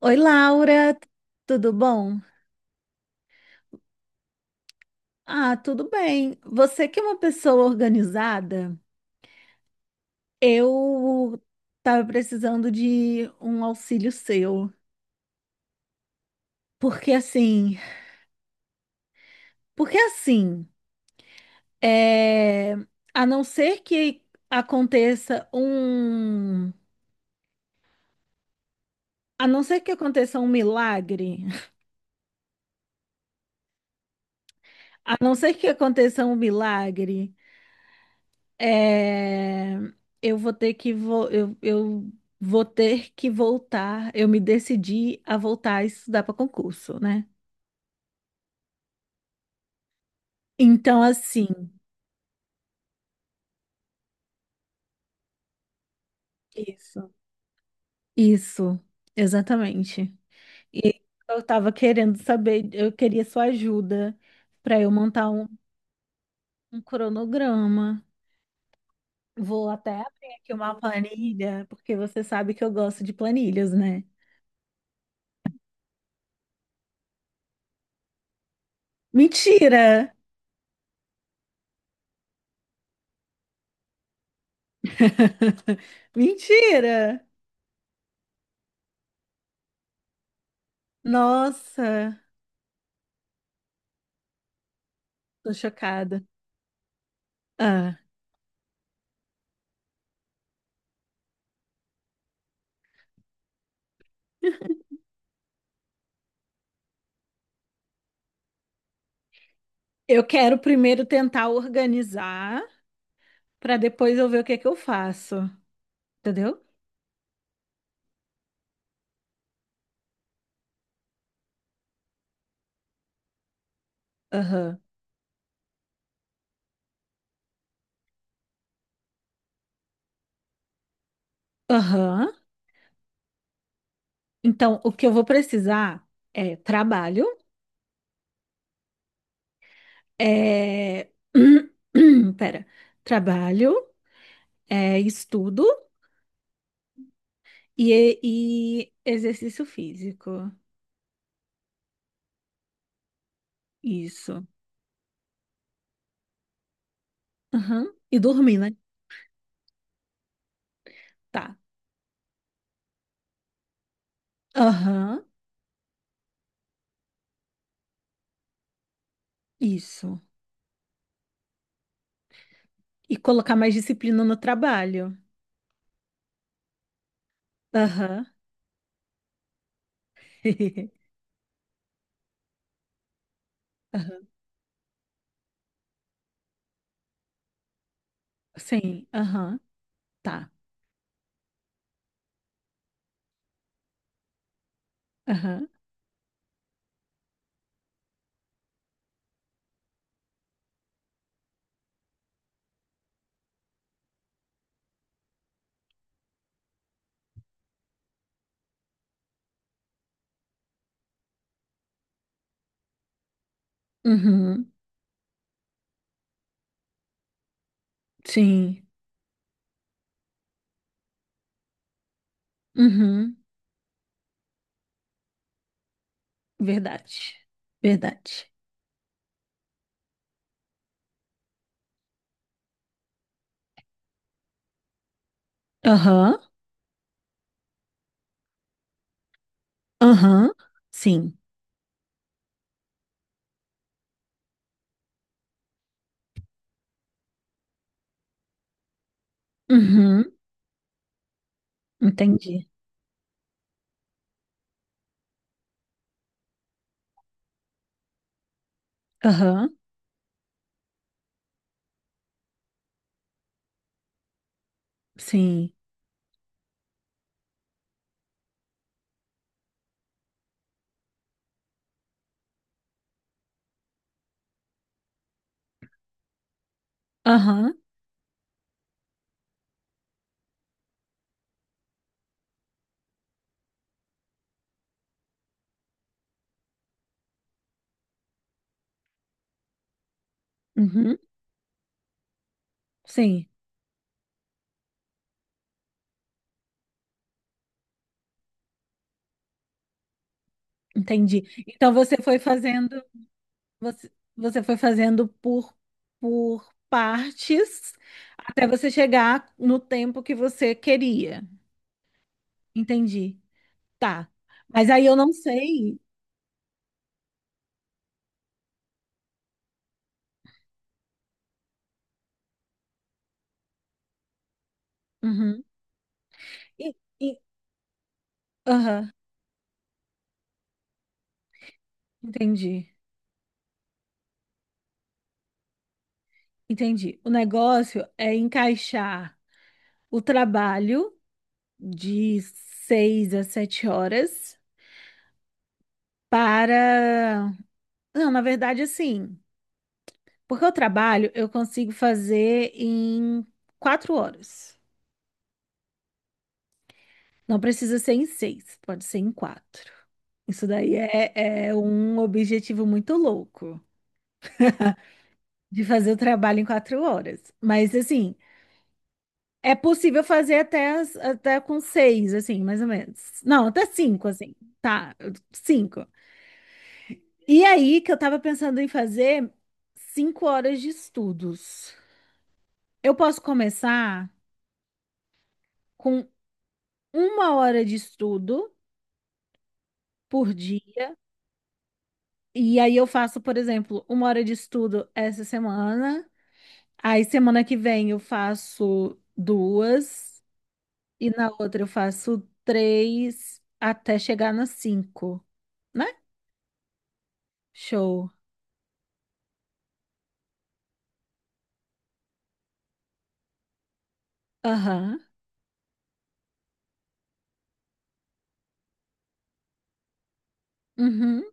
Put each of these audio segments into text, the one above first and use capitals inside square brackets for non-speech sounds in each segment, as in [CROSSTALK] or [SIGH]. Oi, Laura, tudo bom? Ah, tudo bem. Você que é uma pessoa organizada, eu tava precisando de um auxílio seu. Porque assim, porque assim, é, a não ser que aconteça um, a não ser que aconteça um milagre, [LAUGHS] a não ser que aconteça um milagre É, eu vou ter que voltar. Eu me decidi a voltar a estudar para concurso, né? Então, assim, isso, isso, exatamente. E eu estava querendo saber, eu queria sua ajuda para eu montar um cronograma. Vou até abrir aqui uma planilha, porque você sabe que eu gosto de planilhas, né? Mentira! [LAUGHS] Mentira! Nossa! Tô chocada. Ah, eu quero primeiro tentar organizar para depois eu ver o que que eu faço, entendeu? Aham. Aham. Então, o que eu vou precisar é trabalho, é [CLEARS THROAT] pera, trabalho, é estudo e, e exercício físico. Isso. Aham. E dormir, né? Tá. Aham. Isso. E colocar mais disciplina no trabalho. Aham. [LAUGHS] Sim, aham, tá, aham, uhum, sim, uhum, verdade, verdade, aham, aham, sim, uhum, entendi, aham, sim, aham, uhum, sim, entendi. Então você foi fazendo, você foi fazendo por partes até você chegar no tempo que você queria, entendi, tá. Mas aí eu não sei, uhum. E- E Aham, entendi, entendi. O negócio é encaixar o trabalho de seis a sete horas para. Não, na verdade, assim, porque o trabalho eu consigo fazer em 4 horas. Não precisa ser em seis, pode ser em quatro. Isso daí é um objetivo muito louco de fazer o trabalho em 4 horas. Mas assim. É possível fazer até, até com seis, assim, mais ou menos. Não, até cinco, assim. Tá, cinco. E aí que eu tava pensando em fazer 5 horas de estudos. Eu posso começar com 1 hora de estudo por dia. E aí eu faço, por exemplo, 1 hora de estudo essa semana. Aí semana que vem eu faço duas. E na outra eu faço três até chegar nas cinco, né? Show. Aham. Uhum.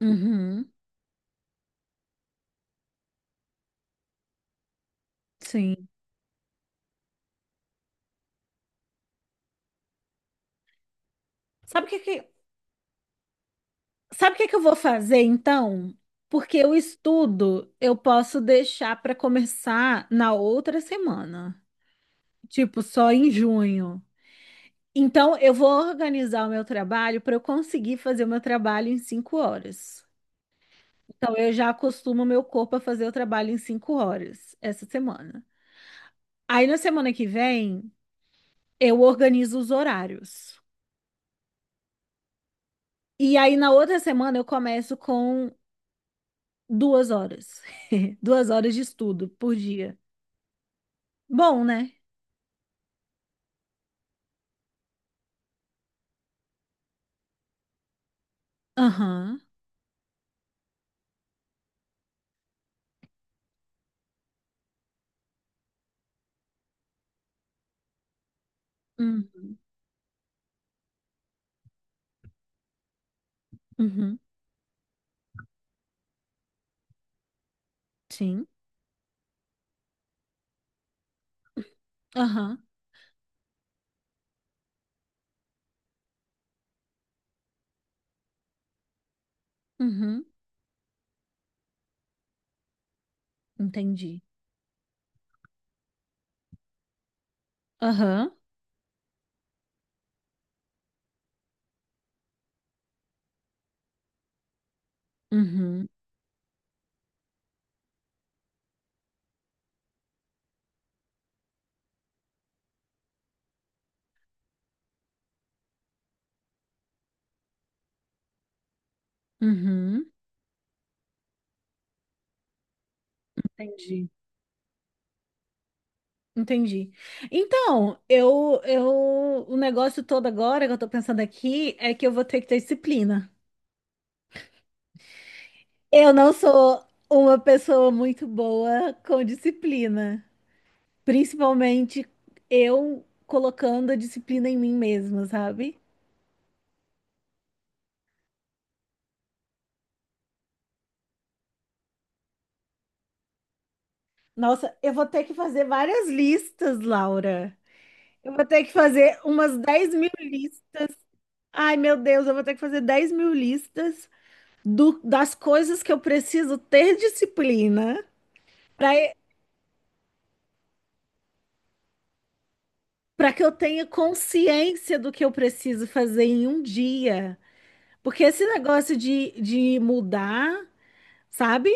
Uhum. Sim. Sabe o que que, sabe o que que eu vou fazer então? Porque o estudo eu posso deixar para começar na outra semana, tipo só em junho. Então eu vou organizar o meu trabalho para eu conseguir fazer o meu trabalho em 5 horas. Então eu já acostumo o meu corpo a fazer o trabalho em 5 horas essa semana. Aí na semana que vem eu organizo os horários. E aí, na outra semana, eu começo com 2 horas. [LAUGHS] 2 horas de estudo por dia. Bom, né? Aham. Hum. Uhum. Sim. Aham. Uhum. Entendi. Aham. Uhum. Uhum. Entendi. Entendi. Então, o negócio todo agora que eu tô pensando aqui é que eu vou ter que ter disciplina. Eu não sou uma pessoa muito boa com disciplina, principalmente eu colocando a disciplina em mim mesma, sabe? Nossa, eu vou ter que fazer várias listas, Laura. Eu vou ter que fazer umas 10.000 listas. Ai, meu Deus, eu vou ter que fazer 10.000 listas das coisas que eu preciso ter disciplina para para que eu tenha consciência do que eu preciso fazer em um dia. Porque esse negócio de mudar, sabe?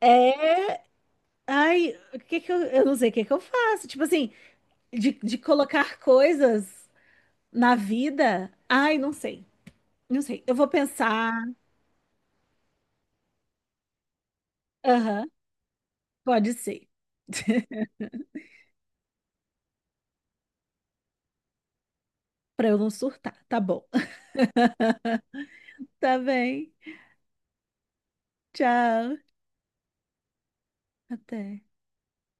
É, Ai, o que que eu não sei o que que eu faço. Tipo assim, de colocar coisas na vida. Ai, não sei. Não sei, eu vou pensar. Aham, pode ser. [LAUGHS] Pra eu não surtar. Tá bom. [LAUGHS] Tá bem. Tchau. Até.